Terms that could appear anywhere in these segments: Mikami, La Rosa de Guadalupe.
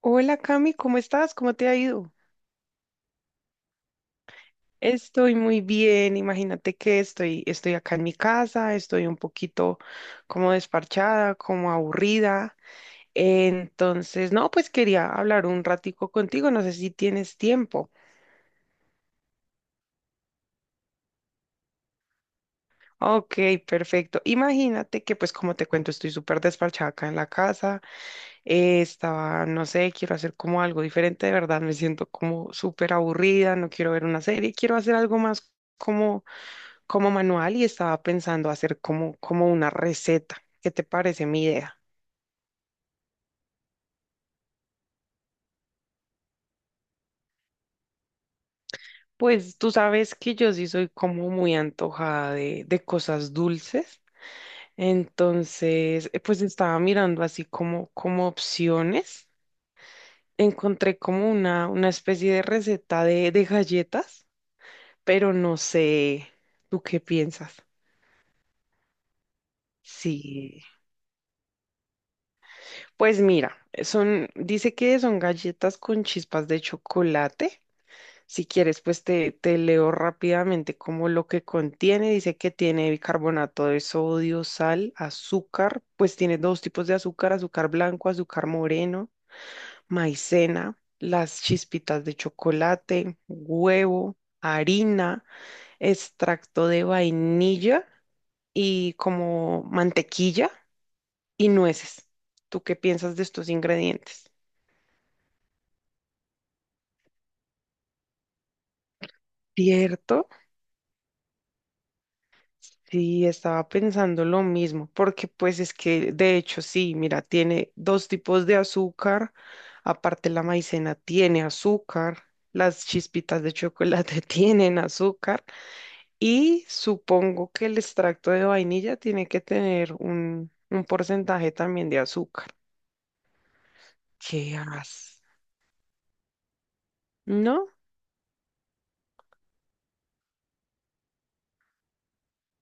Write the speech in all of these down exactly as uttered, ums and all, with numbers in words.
Hola Cami, ¿cómo estás? ¿Cómo te ha ido? Estoy muy bien, imagínate que estoy, estoy acá en mi casa, estoy un poquito como desparchada, como aburrida. Entonces, no, pues quería hablar un ratico contigo, no sé si tienes tiempo. Ok, perfecto. Imagínate que pues como te cuento, estoy súper desparchada acá en la casa, eh, estaba, no sé, quiero hacer como algo diferente, de verdad, me siento como súper aburrida, no quiero ver una serie, quiero hacer algo más. como como manual y estaba pensando hacer como, como una receta. ¿Qué te parece mi idea? Pues tú sabes que yo sí soy como muy antojada de, de cosas dulces. Entonces, eh, pues estaba mirando así como, como opciones. Encontré como una, una especie de receta de, de galletas, pero no sé, ¿tú qué piensas? Sí, pues mira, son, dice que son galletas con chispas de chocolate. Si quieres, pues te, te leo rápidamente como lo que contiene. Dice que tiene bicarbonato de sodio, sal, azúcar. Pues tiene dos tipos de azúcar, azúcar blanco, azúcar moreno, maicena, las chispitas de chocolate, huevo, harina, extracto de vainilla y como mantequilla y nueces. ¿Tú qué piensas de estos ingredientes? ¿Cierto? Sí, estaba pensando lo mismo, porque pues es que de hecho sí, mira, tiene dos tipos de azúcar, aparte la maicena tiene azúcar, las chispitas de chocolate tienen azúcar y supongo que el extracto de vainilla tiene que tener un, un porcentaje también de azúcar. ¿Qué haces? ¿No?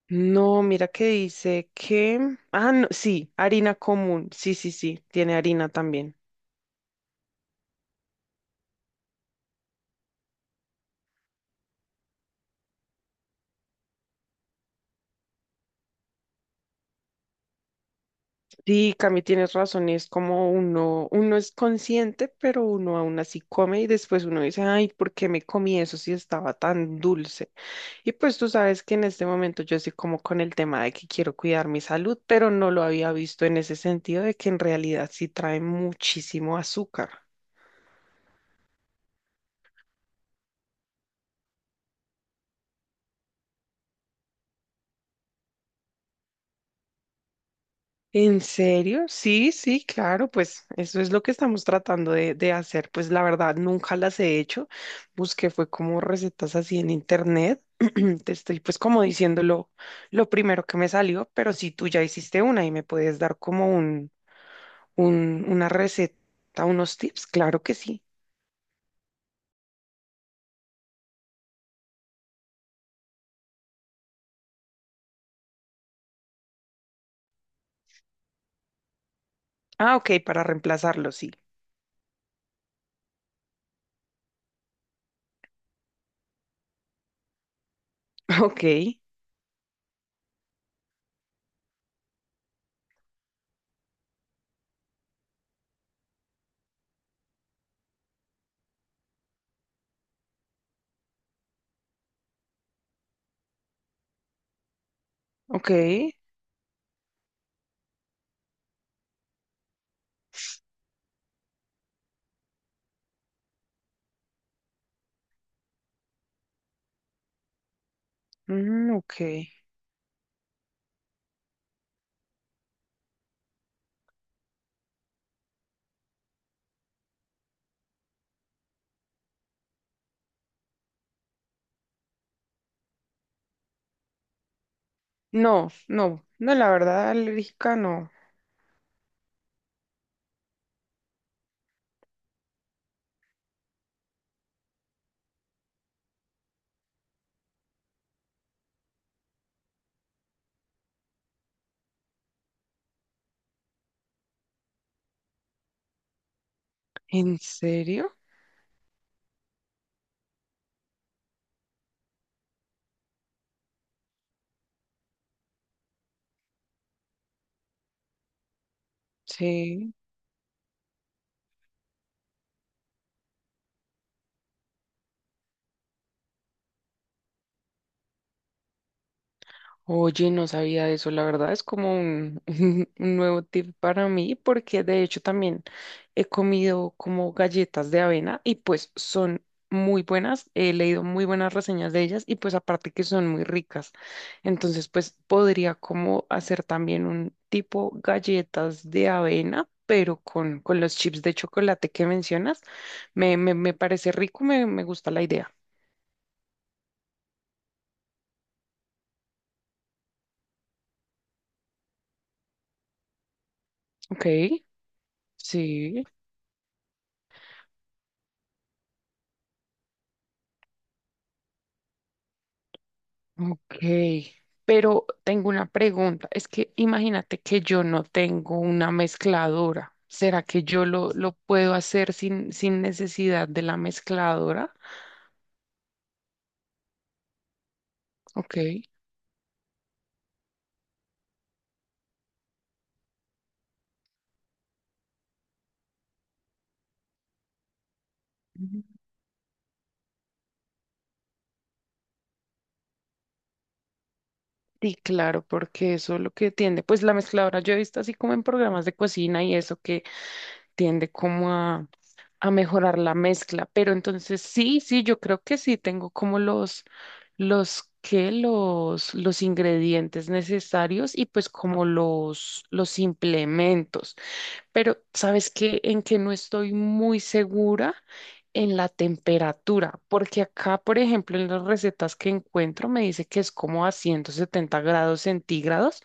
No, mira que dice que. Ah, no, sí, harina común, sí, sí, sí, tiene harina también. Sí, Cami, tienes razón, es como uno, uno es consciente, pero uno aún así come y después uno dice, ay, ¿por qué me comí eso si estaba tan dulce? Y pues tú sabes que en este momento yo estoy como con el tema de que quiero cuidar mi salud, pero no lo había visto en ese sentido de que en realidad sí trae muchísimo azúcar. ¿En serio? Sí, sí, claro, pues eso es lo que estamos tratando de, de hacer. Pues la verdad, nunca las he hecho. Busqué fue como recetas así en internet. Te estoy pues como diciendo lo, lo primero que me salió, pero si tú ya hiciste una y me puedes dar como un, un, una receta, unos tips, claro que sí. Ah, ok, para reemplazarlo, sí. Ok, ok, mm, ok. No, no, no, la verdad, alérgica no. ¿En serio? Sí. Oye, no sabía eso, la verdad es como un, un nuevo tip para mí porque de hecho también he comido como galletas de avena y pues son muy buenas, he leído muy buenas reseñas de ellas y pues aparte que son muy ricas, entonces pues podría como hacer también un tipo galletas de avena, pero con, con los chips de chocolate que mencionas, me, me, me parece rico, me, me gusta la idea. Ok, sí. Ok, pero tengo una pregunta. Es que imagínate que yo no tengo una mezcladora. ¿Será que yo lo, lo puedo hacer sin, sin necesidad de la mezcladora? Ok. Ujú. Sí, claro, porque eso es lo que tiende. Pues la mezcladora yo he visto así como en programas de cocina y eso que tiende como a, a mejorar la mezcla. Pero entonces sí, sí, yo creo que sí tengo como los, los que los, los ingredientes necesarios y pues como los, los implementos. Pero ¿sabes qué? En que no estoy muy segura en la temperatura, porque acá, por ejemplo, en las recetas que encuentro me dice que es como a ciento setenta grados centígrados,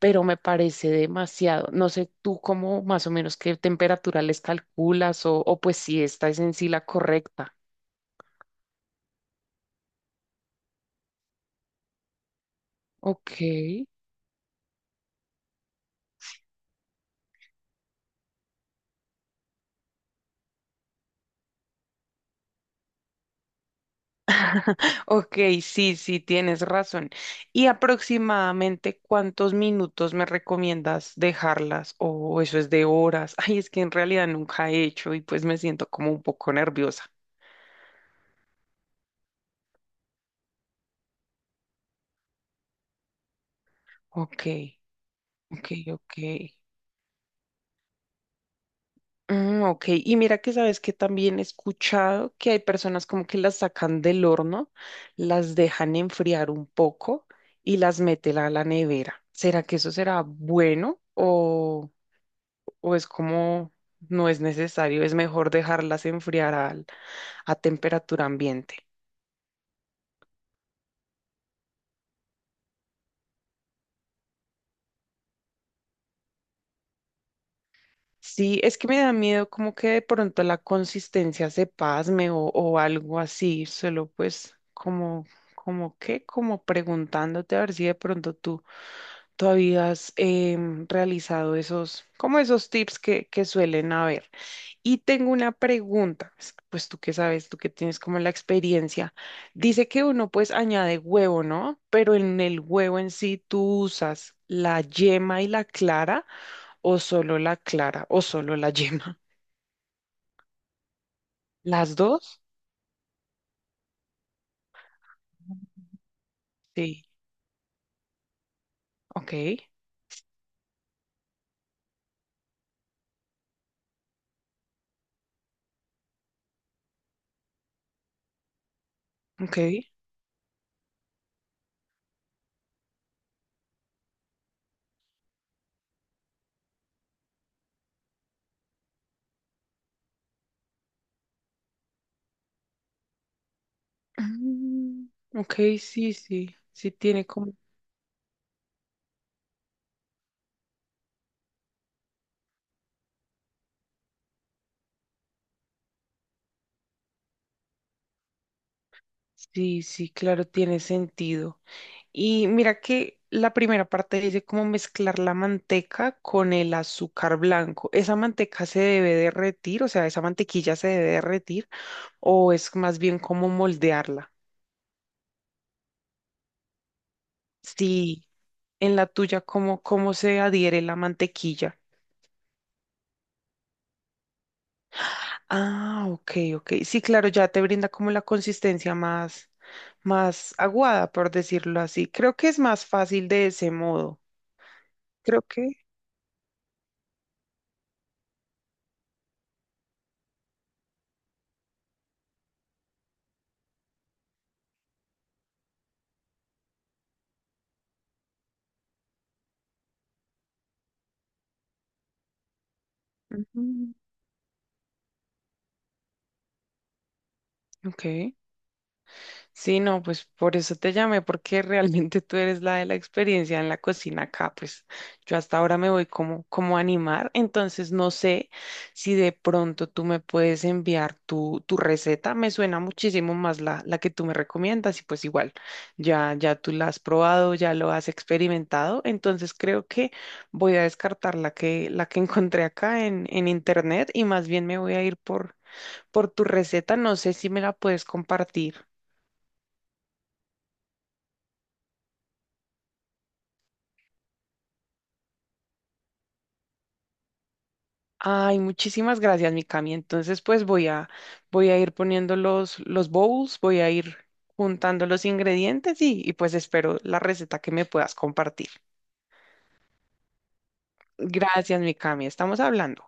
pero me parece demasiado. No sé tú cómo más o menos qué temperatura les calculas o, o pues si esta es en sí la correcta. Ok, ok, sí, sí, tienes razón. ¿Y aproximadamente cuántos minutos me recomiendas dejarlas? O eso es de horas. Ay, es que en realidad nunca he hecho y pues me siento como un poco nerviosa. Ok, ok, ok. Mm, ok, y mira que sabes que también he escuchado que hay personas como que las sacan del horno, las dejan enfriar un poco y las meten a la nevera. ¿Será que eso será bueno o, o es como no es necesario? Es mejor dejarlas enfriar al- a temperatura ambiente. Sí, es que me da miedo como que de pronto la consistencia se pasme o, o algo así, solo pues como, como que, como preguntándote a ver si de pronto tú ¿Tú habías em, realizado esos, como esos tips que, que suelen haber? Y tengo una pregunta, pues pues tú que sabes, tú que tienes como la experiencia. Dice que uno pues añade huevo, ¿no? Pero en el huevo en sí tú usas la yema y la clara o solo la clara o solo la yema. ¿Las dos? Sí, ok, ok. Mm, ok, sí, sí, sí tiene como. Sí, sí, claro, tiene sentido. Y mira que la primera parte dice cómo mezclar la manteca con el azúcar blanco. ¿Esa manteca se debe derretir? O sea, ¿esa mantequilla se debe derretir? ¿O es más bien como moldearla? Sí, en la tuya, ¿cómo, cómo se adhiere la mantequilla? Ah, ok, ok. Sí, claro, ya te brinda como la consistencia más, más aguada, por decirlo así. Creo que es más fácil de ese modo. Creo que. Ujú. Ok. Sí, no, pues por eso te llamé, porque realmente tú eres la de la experiencia en la cocina acá, pues yo hasta ahora me voy como, como a animar, entonces no sé si de pronto tú me puedes enviar tu, tu receta, me suena muchísimo más la, la que tú me recomiendas y pues igual, ya, ya tú la has probado, ya lo has experimentado, entonces creo que voy a descartar la que, la que encontré acá en, en internet y más bien me voy a ir por, por tu receta, no sé si me la puedes compartir. Ay, muchísimas gracias, Mikami. Entonces, pues voy a, voy a ir poniendo los, los bowls, voy a ir juntando los ingredientes y, y pues espero la receta que me puedas compartir. Gracias, Mikami. Estamos hablando.